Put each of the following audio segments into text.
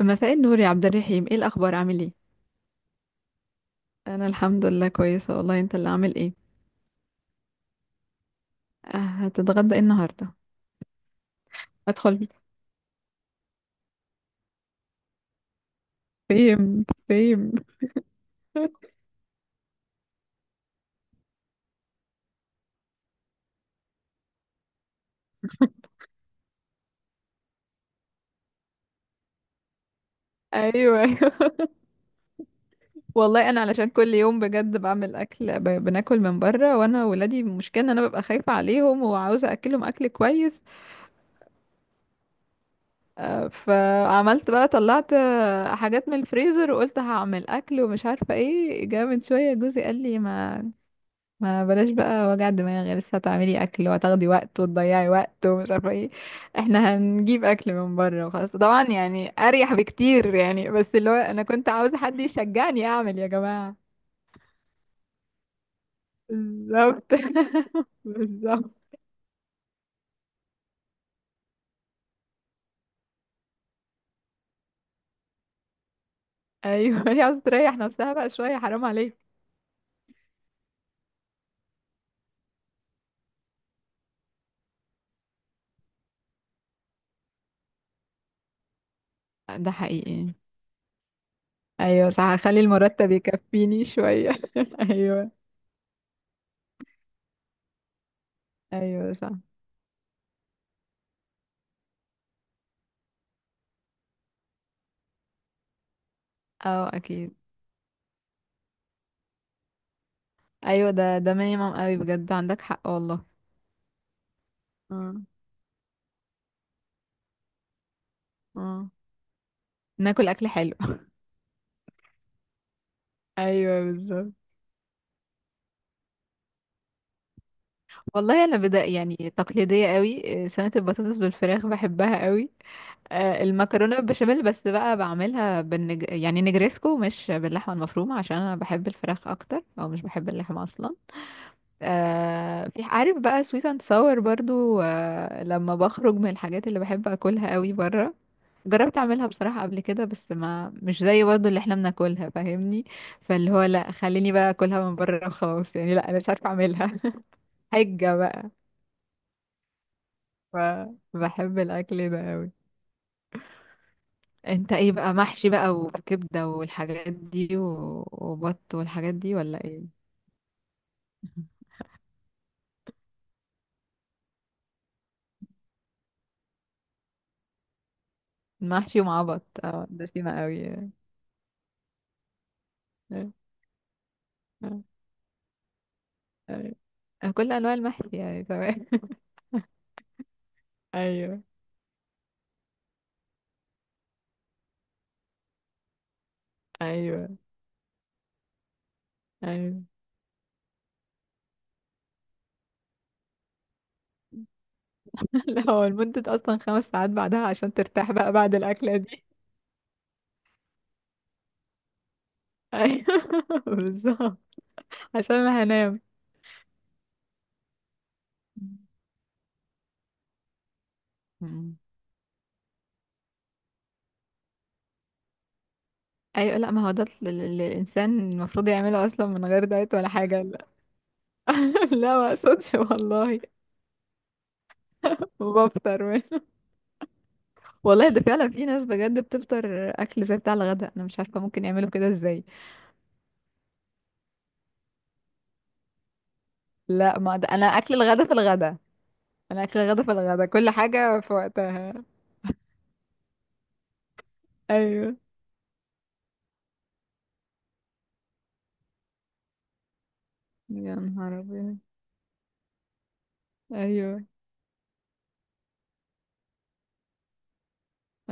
مساء النور يا عبد الرحيم، ايه الاخبار؟ عامل ايه؟ انا الحمد لله كويسه والله. انت اللي عامل ايه؟ هتتغدى ايه النهارده؟ ادخل. سيم سيم. ايوه ايوه. والله انا علشان كل يوم بجد بعمل اكل، بناكل من بره، وانا ولادي المشكله ان انا ببقى خايفه عليهم وعاوزه اكلهم اكل كويس. فعملت بقى، طلعت حاجات من الفريزر، وقلت هعمل اكل ومش عارفه ايه. جاء من شويه جوزي قال لي، ما بلاش بقى وجع دماغ، لسه هتعملي اكل وهتاخدي وقت وتضيعي وقت ومش عارفه ايه. احنا هنجيب اكل من بره وخلاص. طبعا يعني اريح بكتير يعني، بس اللي هو انا كنت عاوزه حد يشجعني اعمل، يا جماعه. بالظبط. بالظبط. ايوه، هي عاوزه تريح نفسها بقى شويه، حرام عليك. ده حقيقي. ايوه صح، هخلي المرتب يكفيني شويه. ايوه. ايوه صح. اه اكيد. ايوه، ده مينيمم قوي بجد، عندك حق والله. اه. اه، ناكل اكل حلو. ايوه بالظبط. والله انا بدأ يعني تقليديه قوي، سلطه البطاطس بالفراخ بحبها قوي. المكرونه بالبشاميل، بس بقى بعملها يعني نجريسكو، مش باللحمه المفرومه، عشان انا بحب الفراخ اكتر، او مش بحب اللحمه اصلا. في عارف بقى سويت اند ساور برضو. لما بخرج من الحاجات اللي بحب اكلها قوي بره، جربت اعملها بصراحه قبل كده، بس ما مش زي برضو اللي احنا بناكلها، فاهمني؟ فاللي هو لا، خليني بقى اكلها من بره وخلاص يعني، لا انا مش عارفه اعملها. حجه بقى. فبحب الاكل ده قوي. انت ايه بقى؟ محشي بقى وكبده والحاجات دي وبط والحاجات دي، ولا ايه؟ المحشي ومع بط، اه ده سيما قوي يعني. آه، آه، كل انواع المحشي يعني، تمام. ايوه ايوه ايوه. لا، هو لمدة اصلا 5 ساعات بعدها عشان ترتاح بقى بعد الاكله دي. ايوه بالظبط، عشان انا هنام. مم. ايوه، لا ما هو ده اللي الانسان المفروض يعمله اصلا، من غير دايت ولا حاجه. لا، ما اقصدش والله. وبفطر منه. والله ده فعلا، في ناس بجد بتفطر اكل زي بتاع الغداء، انا مش عارفه ممكن يعملوا كده ازاي. لا، ما ده انا اكل الغداء في الغداء. انا اكل الغداء في الغداء، كل حاجه في وقتها. ايوه. يا نهار ابيض. ايوه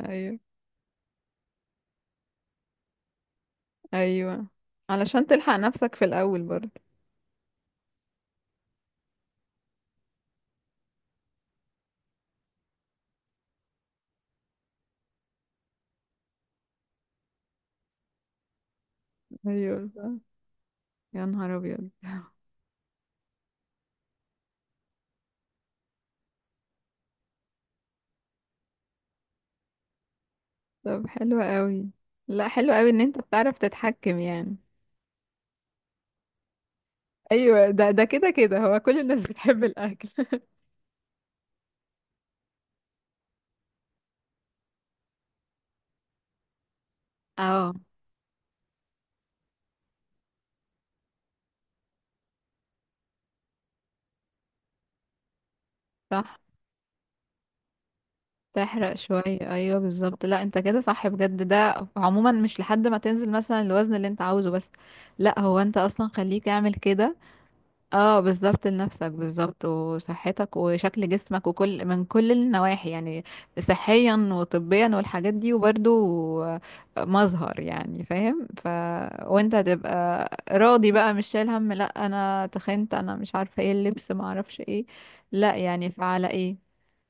ايوه ايوه. علشان تلحق نفسك في الاول برضه. ايوه صح. يا نهار ابيض. طب حلو قوي. لا، حلو قوي ان انت بتعرف تتحكم يعني. ايوه، ده كده كده هو كل الناس بتحب الاكل. اه صح. تحرق شوية، ايوه بالظبط. لا انت كده صح بجد، ده عموما مش لحد ما تنزل مثلا الوزن اللي انت عاوزه بس. لا هو انت اصلا خليك اعمل كده. اه بالظبط، لنفسك بالظبط، وصحتك وشكل جسمك وكل من كل النواحي يعني. صحيا وطبيا والحاجات دي وبرده، مظهر يعني، فاهم؟ وانت هتبقى راضي بقى، مش شايل هم، لا انا تخنت انا مش عارفه ايه اللبس ما اعرفش ايه. لا يعني، فعلى ايه.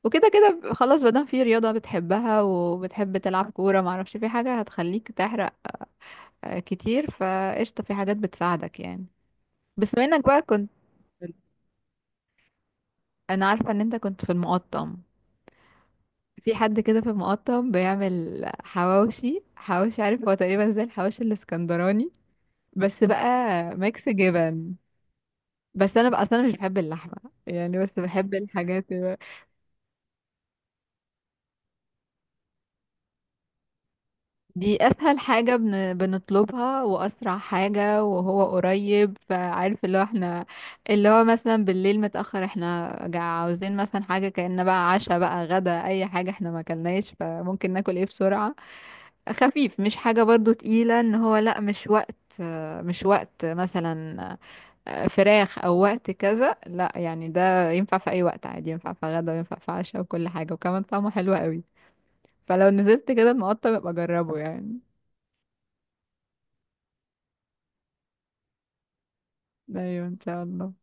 وكده كده خلاص، مادام في رياضة بتحبها وبتحب تلعب كورة، معرفش في حاجة هتخليك تحرق كتير، فقشطة، في حاجات بتساعدك يعني. بس بما انك بقى كنت، انا عارفة ان انت كنت في المقطم، في حد كده في المقطم بيعمل حواوشي. حواوشي عارف؟ هو تقريبا زي الحواوشي الاسكندراني، بس بقى ميكس جبن. بس انا بقى اصلا مش بحب اللحمة يعني، بس بحب الحاجات. دي اسهل حاجة بنطلبها، واسرع حاجة، وهو قريب، فعارف اللي هو احنا، اللي هو مثلا بالليل متأخر، احنا عاوزين مثلا حاجة، كأن بقى عشاء بقى غدا، اي حاجة احنا ما اكلناش، فممكن ناكل ايه بسرعة، خفيف، مش حاجة برضو تقيلة، ان هو لا مش وقت، مش وقت مثلا فراخ او وقت كذا، لا يعني ده ينفع في اي وقت عادي، ينفع في غدا وينفع في عشاء وكل حاجة، وكمان طعمه حلو قوي. فلو نزلت كده المقطع يبقى جربه يعني. ايوه ان شاء الله.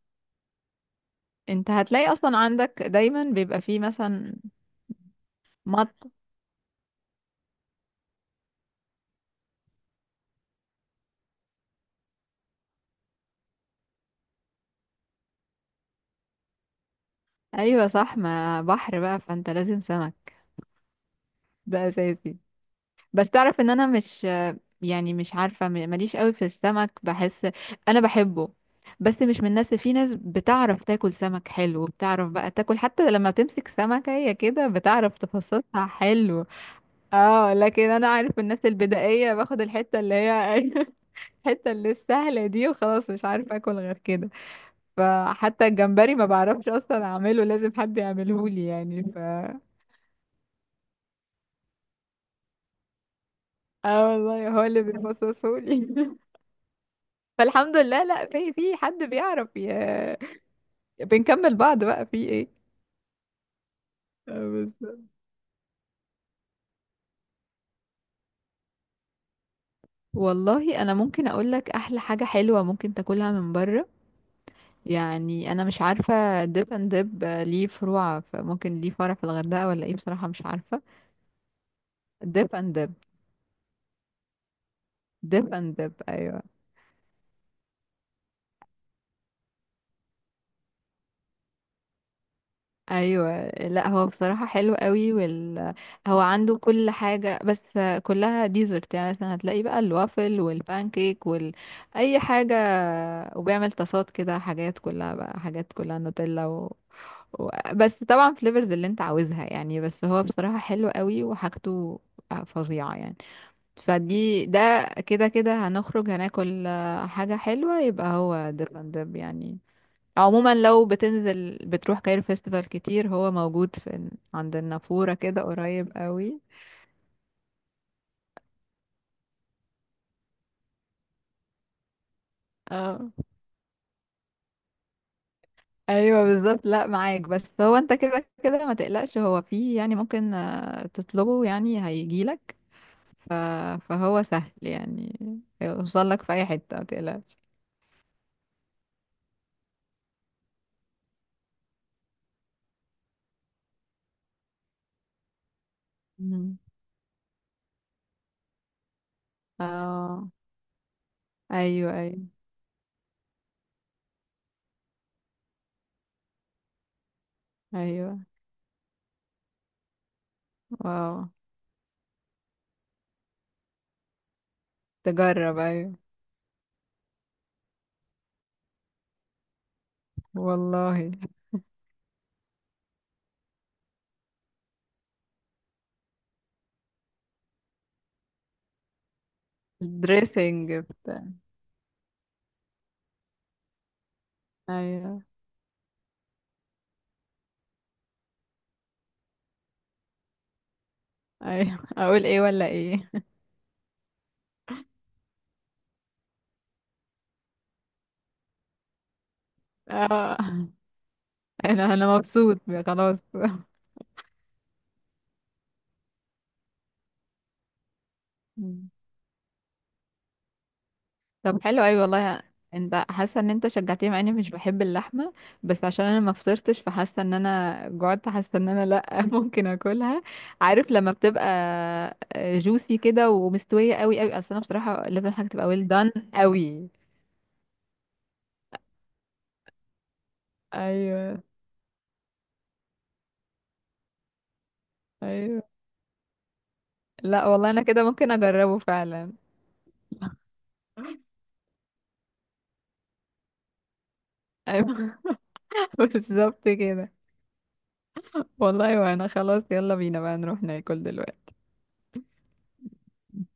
انت هتلاقي اصلا عندك دايما بيبقى فيه مثلا. مط. ايوه صح، ما بحر بقى، فانت لازم سمك، ده اساسي. بس تعرف ان انا مش، يعني مش عارفه ماليش قوي في السمك بحس، انا بحبه، بس مش من الناس. في ناس بتعرف تاكل سمك حلو، بتعرف بقى تاكل، حتى لما بتمسك سمكه هي كده بتعرف تفصصها حلو. اه لكن انا، عارف الناس البدائيه، باخد الحته اللي هي، الحته اللي السهله دي وخلاص، مش عارفه اكل غير كده. فحتى الجمبري ما بعرفش اصلا اعمله، لازم حد يعمله لي يعني، ف اه والله، هو اللي بيفصصه لي. فالحمد لله، لا في حد بيعرف بنكمل بعض بقى، في ايه. بالظبط. والله انا ممكن اقول لك احلى حاجه حلوه ممكن تاكلها من بره، يعني انا مش عارفه ديب اند ديب ليه فروع، فممكن ليه فرع في الغردقه ولا ايه، بصراحه مش عارفه. ديب اند ديب. ديب اند ديب ايوه. ايوه، لا هو بصراحه حلو قوي، هو عنده كل حاجه، بس كلها ديزرت، يعني مثلا هتلاقي بقى الوافل والبانكيك وال اي حاجه، وبيعمل طاسات كده، حاجات كلها نوتيلا بس طبعا فليفرز اللي انت عاوزها يعني، بس هو بصراحه حلو قوي وحاجته فظيعه يعني. فدي، ده كده كده هنخرج هناكل حاجه حلوه، يبقى هو ديرلاندب يعني. عموما لو بتنزل بتروح كايرو فيستيفال كتير، هو موجود في عند النافورة كده، قريب قوي. اه ايوه بالظبط، لا معاك، بس هو انت كده كده ما تقلقش، هو فيه يعني، ممكن تطلبه يعني هيجيلك. ف... فهو سهل يعني، يوصل لك في اي حتة ما تقلقش. مم. اه ايوه ايوه ايوه. واو. تجرب، ايوه. والله. الدريسنج بتاع، ايوه. ايوه اقول ايه ولا ايه. اه، انا مبسوط. خلاص. مم. طب حلو أوي والله. انت حاسه ان انت شجعتني، مع اني مش بحب اللحمه، بس عشان انا ما فطرتش، فحاسه ان انا جوعت، حاسه ان انا، لا، ممكن اكلها. عارف لما بتبقى جوسي كده ومستويه قوي قوي، اصل انا بصراحه لازم حاجه تبقى ويل دان قوي. ايوه ايوه. لا والله، انا كده ممكن اجربه فعلا. ايوه. بالظبط كده. والله، وانا خلاص، يلا بينا بقى نروح ناكل. دلوقتي.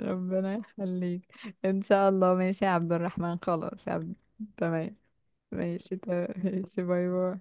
ربنا يخليك. ان شاء الله ماشي يا عبد الرحمن، خلاص يا عبد. تمام. ماشي تمام، ماشي باي باي.